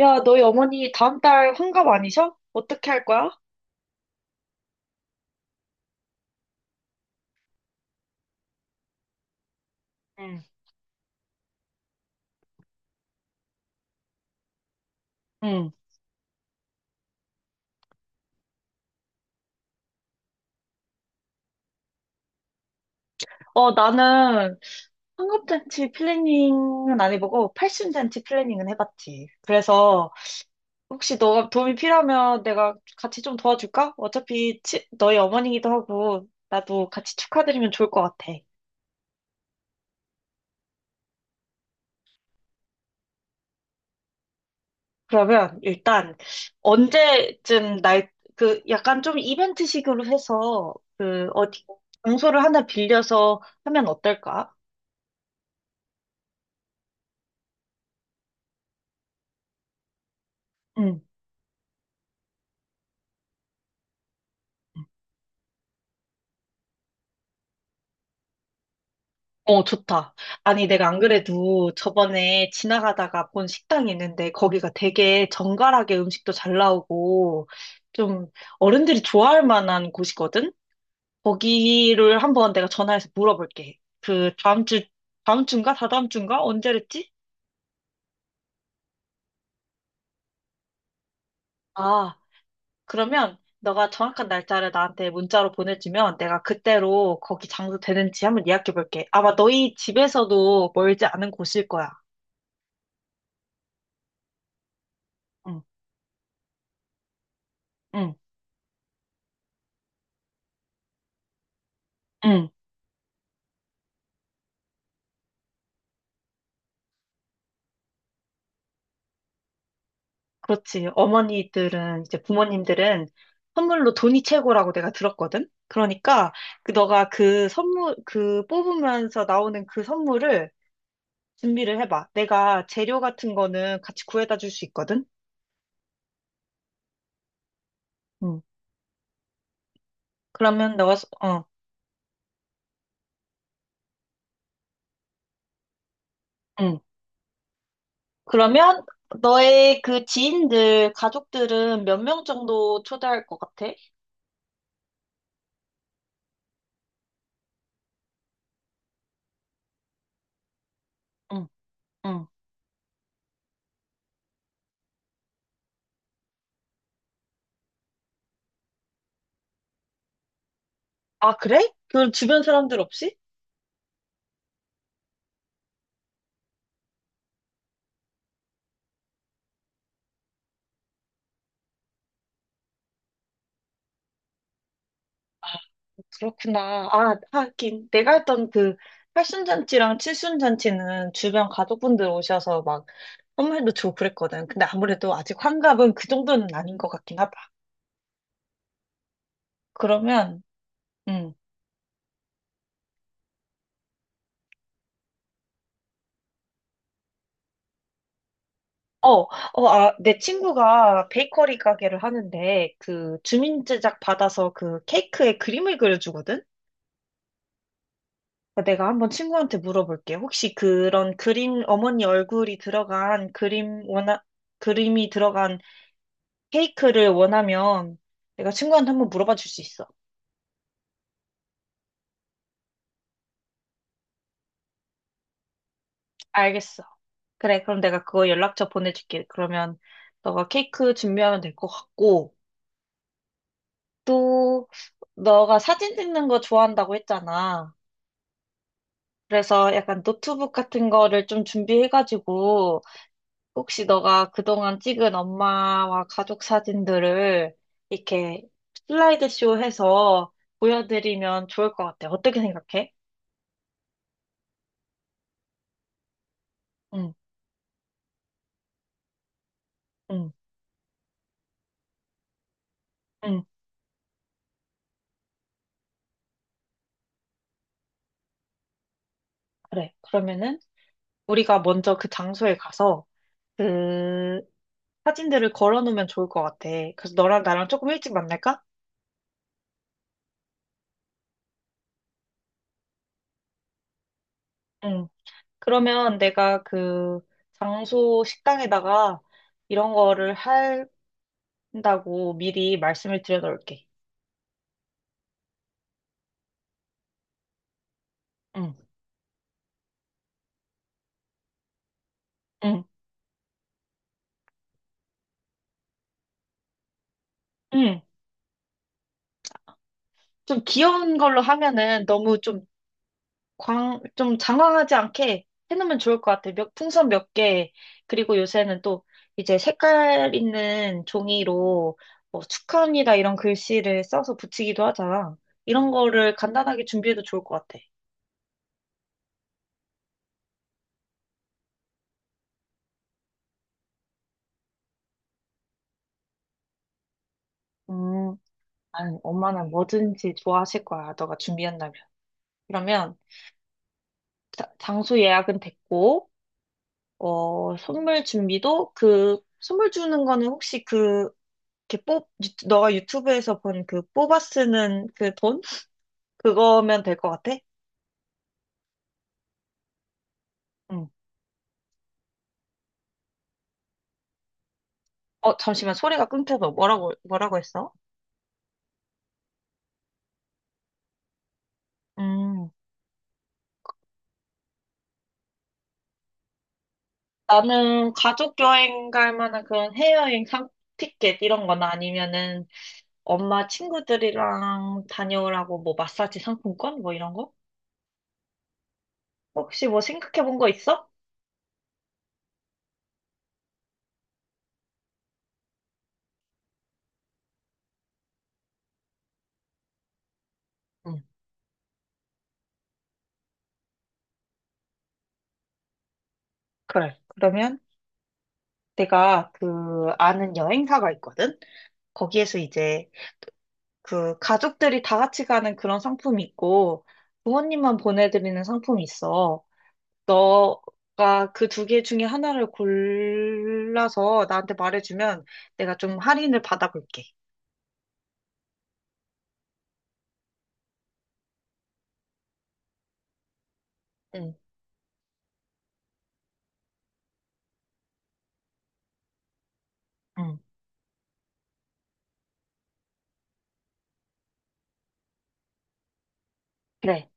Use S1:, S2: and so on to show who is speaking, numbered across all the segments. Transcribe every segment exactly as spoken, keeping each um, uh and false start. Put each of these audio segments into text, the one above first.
S1: 야, 너희 어머니 다음 달 환갑 아니셔? 어떻게 할 거야? 응, 응, 어, 나는 환갑잔치 플래닝은 안 해보고 팔순잔치 플래닝은 해봤지. 그래서 혹시 너가 도움이 필요하면 내가 같이 좀 도와줄까? 어차피 치- 너희 어머니기도 하고 나도 같이 축하드리면 좋을 것 같아. 그러면 일단 언제쯤 날, 그 약간 좀 이벤트식으로 해서 그 어디 장소를 하나 빌려서 하면 어떨까? 응. 어, 좋다. 아니, 내가 안 그래도 저번에 지나가다가 본 식당이 있는데 거기가 되게 정갈하게 음식도 잘 나오고 좀 어른들이 좋아할 만한 곳이거든? 거기를 한번 내가 전화해서 물어볼게. 그 다음 주, 다음 주인가? 다다음 주인가? 언제랬지? 아, 그러면 너가 정확한 날짜를 나한테 문자로 보내주면 내가 그때로 거기 장소 되는지 한번 예약해볼게. 아마 너희 집에서도 멀지 않은 곳일 거야. 응, 응, 응. 그렇지. 어머니들은, 이제 부모님들은 선물로 돈이 최고라고 내가 들었거든? 그러니까, 그, 너가 그 선물, 그 뽑으면서 나오는 그 선물을 준비를 해봐. 내가 재료 같은 거는 같이 구해다 줄 수 있거든? 응. 그러면 너가, 소- 어, 응. 그러면 너의 그 지인들, 가족들은 몇 명 정도 초대할 것 같아? 응, 응. 아, 그래? 그 주변 사람들 없이? 그렇구나. 아, 하긴. 내가 했던 그 팔순잔치랑 칠순잔치는 주변 가족분들 오셔서 막 선물도 주고 그랬거든. 근데 아무래도 아직 환갑은 그 정도는 아닌 것 같긴 하다. 그러면, 음. 어, 어, 아, 내 친구가 베이커리 가게를 하는데 그 주민 제작 받아서 그 케이크에 그림을 그려주거든? 내가 한번 친구한테 물어볼게. 혹시 그런 그림, 어머니 얼굴이 들어간 그림 원하, 그림이 들어간 케이크를 원하면 내가 친구한테 한번 물어봐 줄 수 있어. 알겠어. 그래, 그럼 내가 그거 연락처 보내줄게. 그러면 너가 케이크 준비하면 될 것 같고, 또 너가 사진 찍는 거 좋아한다고 했잖아. 그래서 약간 노트북 같은 거를 좀 준비해가지고, 혹시 너가 그동안 찍은 엄마와 가족 사진들을 이렇게 슬라이드쇼 해서 보여드리면 좋을 것 같아. 어떻게 생각해? 응, 응, 응. 그래. 그러면은 우리가 먼저 그 장소에 가서 그 사진들을 걸어 놓으면 좋을 것 같아. 그래서 너랑 나랑 조금 일찍 만날까? 응. 그러면 내가 그 장소 식당에다가 이런 거를 한다고 미리 말씀을 드려 놓을게. 응, 응, 응. 좀 귀여운 걸로 하면은 너무 좀 광, 좀 장황하지 않게 해놓으면 좋을 것 같아요. 몇, 풍선 몇 개, 그리고 요새는 또 이제 색깔 있는 종이로 뭐 축하합니다 이런 글씨를 써서 붙이기도 하잖아. 이런 거를 간단하게 준비해도 좋을 것 같아. 음, 아니, 엄마는 뭐든지 좋아하실 거야, 너가 준비한다면. 그러면 자- 장소 예약은 됐고, 어, 선물 준비도 그, 선물 주는 거는 혹시 그, 이렇게 뽑, 유- 너가 유튜브에서 본 그 뽑아 쓰는 그 돈? 그거면 될 것 같아? 응. 어, 잠시만, 소리가 끊겨서 뭐라고, 뭐라고 했어? 음, 나는 가족 여행 갈 만한 그런 해외여행 상 티켓 이런 거나 아니면은 엄마 친구들이랑 다녀오라고 뭐 마사지 상품권 뭐 이런 거? 혹시 뭐 생각해 본 거 있어? 응, 그래. 그러면 내가 그 아는 여행사가 있거든? 거기에서 이제 그 가족들이 다 같이 가는 그런 상품이 있고 부모님만 보내드리는 상품이 있어. 너가 그 두 개 중에 하나를 골라서 나한테 말해주면 내가 좀 할인을 받아볼게. 응. 응. 그래.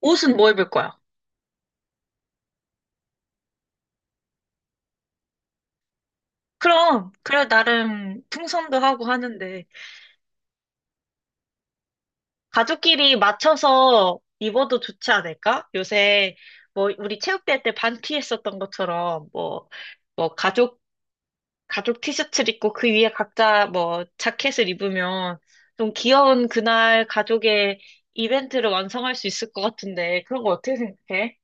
S1: 옷은 뭐 입을 거야? 그럼, 그래, 나름 풍선도 하고 하는데, 가족끼리 맞춰서 입어도 좋지 않을까? 요새, 뭐, 우리 체육대회 때 반티 했었던 것처럼, 뭐, 뭐, 가족 가족 티셔츠를 입고 그 위에 각자 뭐 자켓을 입으면 좀 귀여운 그날 가족의 이벤트를 완성할 수 있을 것 같은데 그런 거 어떻게 생각해?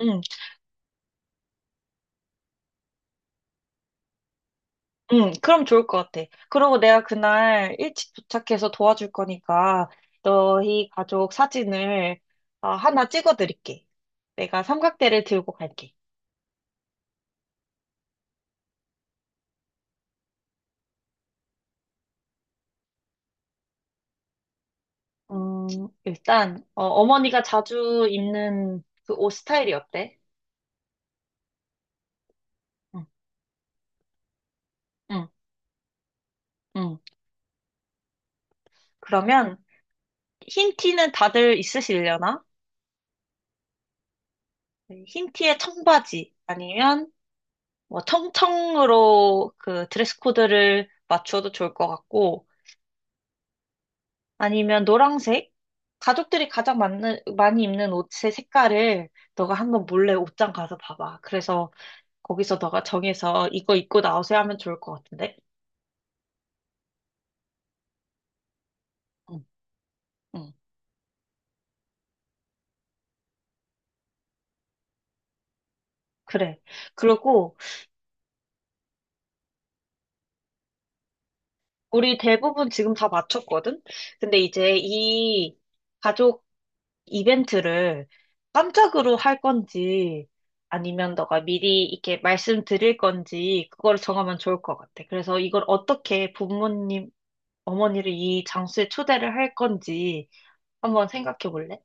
S1: 응, 응, 그럼 좋을 것 같아. 그리고 내가 그날 일찍 도착해서 도와줄 거니까 너희 가족 사진을 어, 하나 찍어드릴게. 내가 삼각대를 들고 갈게. 음, 일단 어, 어머니가 자주 입는 그 옷 스타일이 어때? 응, 응, 응. 그러면 흰 티는 다들 있으시려나? 네, 흰 티에 청바지 아니면 뭐 청청으로 그 드레스 코드를 맞춰도 좋을 것 같고 아니면 노란색? 가족들이 가장 많은, 많이 입는 옷의 색깔을 너가 한번 몰래 옷장 가서 봐봐. 그래서 거기서 너가 정해서 이거 입고 나오세요 하면 좋을 것 같은데? 응, 응, 그래. 그리고 우리 대부분 지금 다 맞췄거든? 근데 이제 이 가족 이벤트를 깜짝으로 할 건지 아니면 너가 미리 이렇게 말씀드릴 건지 그걸 정하면 좋을 것 같아. 그래서 이걸 어떻게 부모님, 어머니를 이 장소에 초대를 할 건지 한번 생각해 볼래?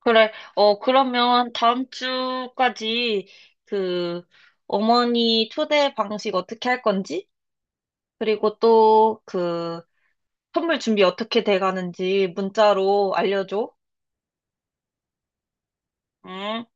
S1: 그래, 어, 그러면 다음 주까지 그 어머니 초대 방식 어떻게 할 건지 그리고 또 그 선물 준비 어떻게 돼 가는지 문자로 알려줘. 음.